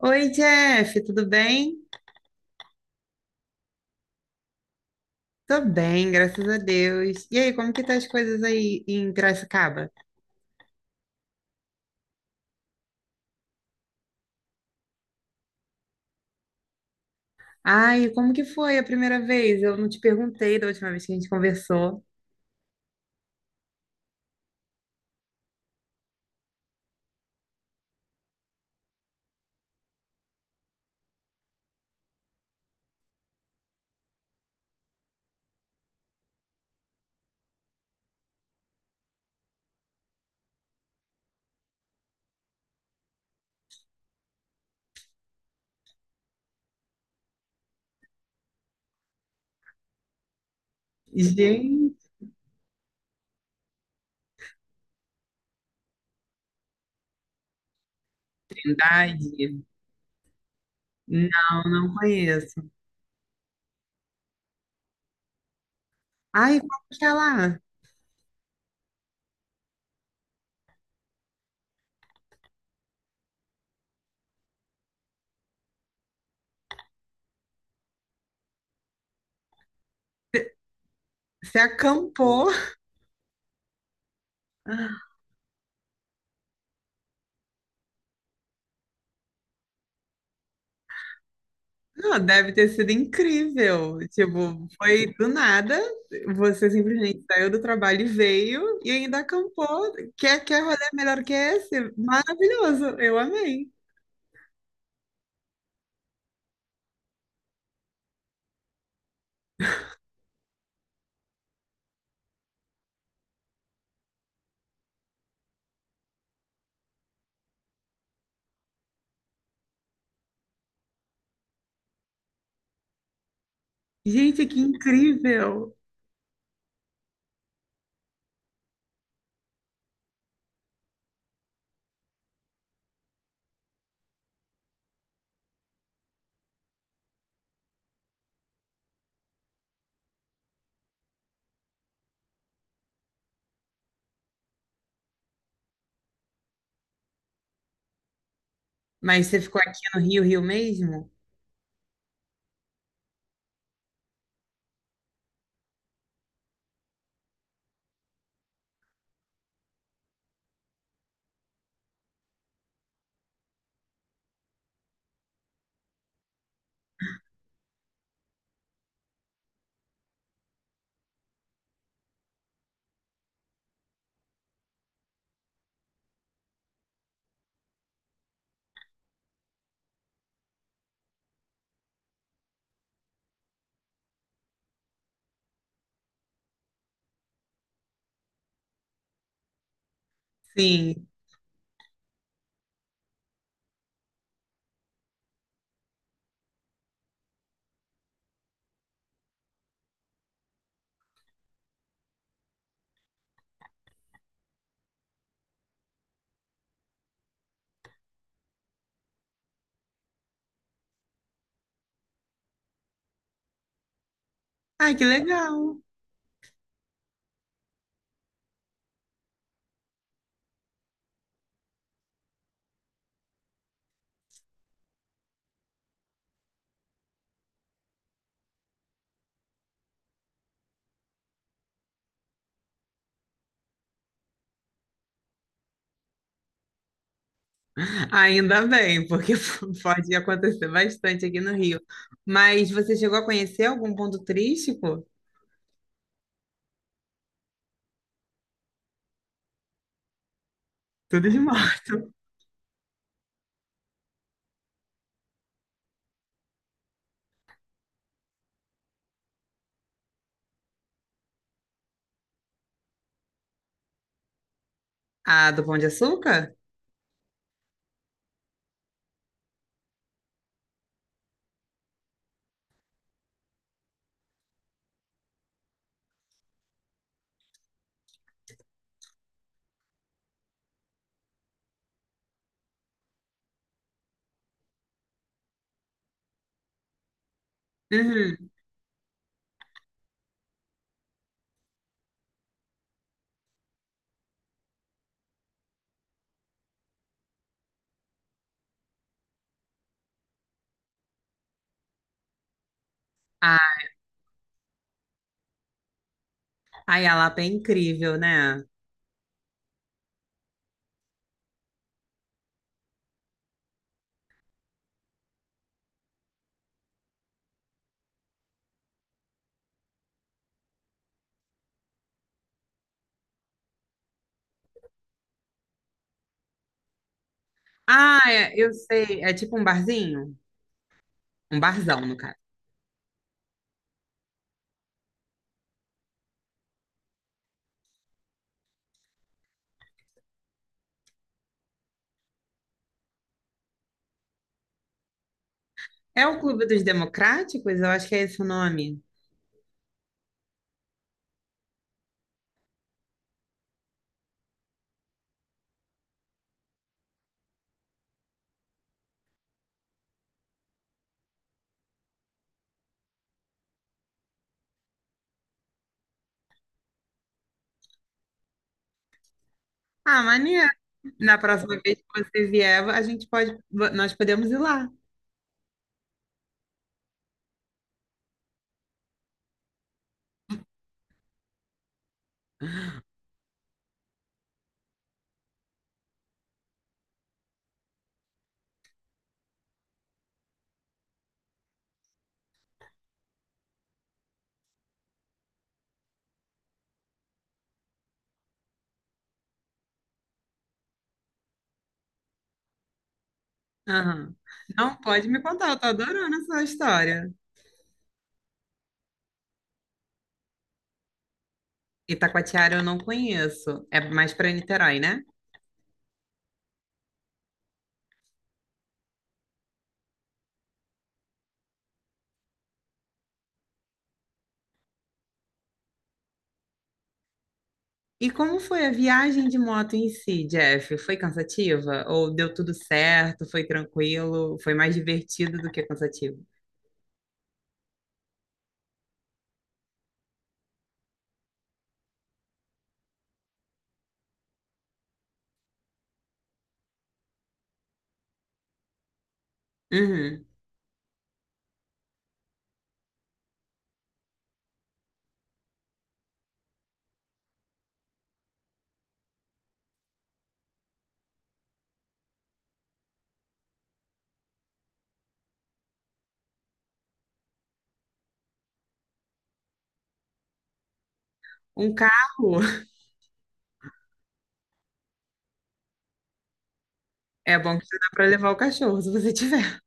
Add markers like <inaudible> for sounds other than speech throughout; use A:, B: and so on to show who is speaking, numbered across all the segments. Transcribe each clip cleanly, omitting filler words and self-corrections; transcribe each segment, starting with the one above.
A: Oi, Jeff, tudo bem? Tô bem, graças a Deus. E aí, como que tá as coisas aí em Piracicaba? Ai, como que foi a primeira vez? Eu não te perguntei da última vez que a gente conversou. Gente, Trindade? Não, não conheço. Ai, como que é lá? Você acampou? Não, deve ter sido incrível. Tipo, foi do nada. Você simplesmente saiu do trabalho e veio e ainda acampou. Quer rolê melhor que esse? Maravilhoso. Eu amei. Gente, que incrível. Mas você ficou aqui no Rio, Rio mesmo? Sim. Ai, que legal. Ainda bem, porque <laughs> pode acontecer bastante aqui no Rio. Mas você chegou a conhecer algum ponto turístico? Tudo de morto. Ah, do Pão de Açúcar? Uhum. Ai, a Lapa é incrível, né? Ah, é, eu sei. É tipo um barzinho? Um barzão, no caso. É o Clube dos Democráticos? Eu acho que é esse o nome. Ah, maneiro. Na próxima vez que você vier, nós podemos ir lá. Aham. Não, pode me contar, eu tô adorando essa história. Itacoatiara eu não conheço, é mais para Niterói, né? E como foi a viagem de moto em si, Jeff? Foi cansativa? Ou deu tudo certo? Foi tranquilo? Foi mais divertido do que cansativo? Uhum. Um carro <laughs> é bom que você dá para levar o cachorro, se você tiver.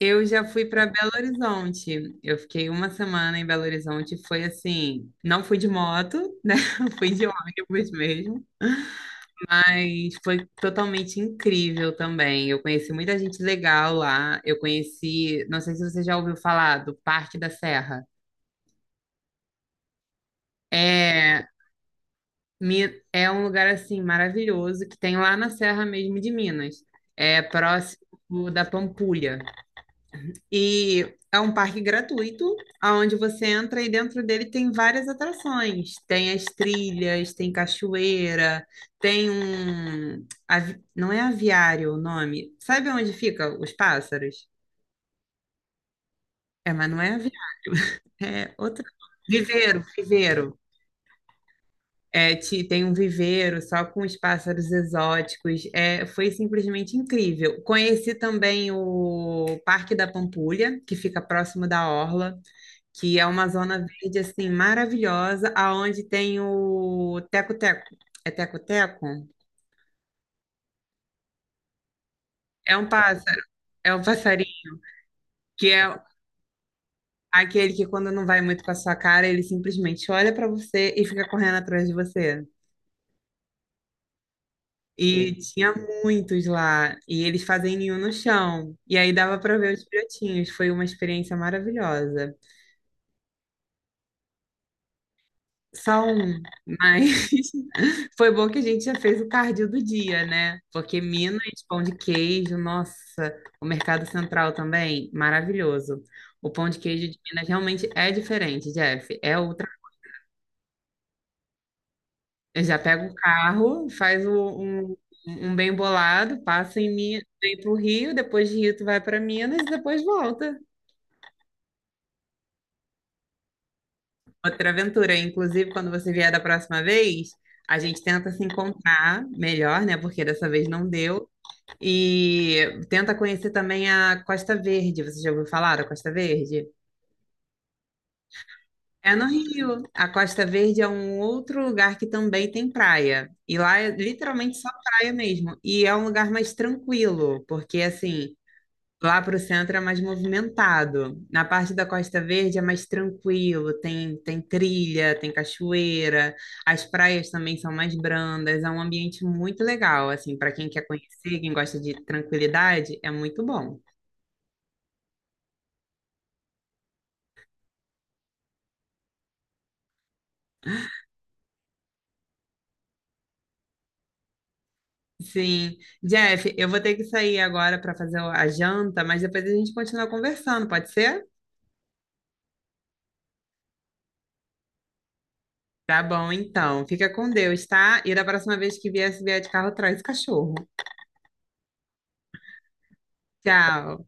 A: Eu já fui para Belo Horizonte. Eu fiquei uma semana em Belo Horizonte. Foi assim, não fui de moto, né? <laughs> Fui de ônibus mesmo, mas foi totalmente incrível também. Eu conheci muita gente legal lá. Eu conheci, não sei se você já ouviu falar do Parque da Serra. É, é um lugar assim maravilhoso que tem lá na Serra mesmo de Minas. É próximo da Pampulha. E é um parque gratuito, onde você entra e dentro dele tem várias atrações. Tem as trilhas, tem cachoeira, tem não é aviário o nome. Sabe onde fica os pássaros? É, mas não é aviário, é outra. Viveiro. É, tem um viveiro só com os pássaros exóticos. É, foi simplesmente incrível. Conheci também o Parque da Pampulha, que fica próximo da Orla, que é uma zona verde assim maravilhosa, aonde tem o teco-teco. É teco-teco? É um pássaro. É um passarinho que é aquele que quando não vai muito com a sua cara, ele simplesmente olha para você e fica correndo atrás de você. E tinha muitos lá, e eles fazem ninho no chão. E aí dava para ver os filhotinhos. Foi uma experiência maravilhosa. Só um, mas <laughs> foi bom que a gente já fez o cardio do dia, né? Porque Minas, pão de queijo, nossa, o Mercado Central também, maravilhoso. O pão de queijo de Minas realmente é diferente, Jeff, é outra. Eu já pego o carro, um bem bolado, passa em Minas, vem pro Rio, depois de Rio tu vai para Minas e depois volta. Outra aventura, inclusive, quando você vier da próxima vez, a gente tenta se encontrar melhor, né? Porque dessa vez não deu. E tenta conhecer também a Costa Verde. Você já ouviu falar da Costa Verde? É no Rio. A Costa Verde é um outro lugar que também tem praia. E lá é literalmente só praia mesmo. E é um lugar mais tranquilo, porque assim, lá pro centro é mais movimentado. Na parte da Costa Verde é mais tranquilo, tem, tem trilha, tem cachoeira, as praias também são mais brandas. É um ambiente muito legal, assim, para quem quer conhecer, quem gosta de tranquilidade, é muito bom. Sim. Jeff, eu vou ter que sair agora para fazer a janta, mas depois a gente continua conversando, pode ser? Tá bom, então. Fica com Deus, tá? E da próxima vez que vier, se vier de carro, traz cachorro. Tchau.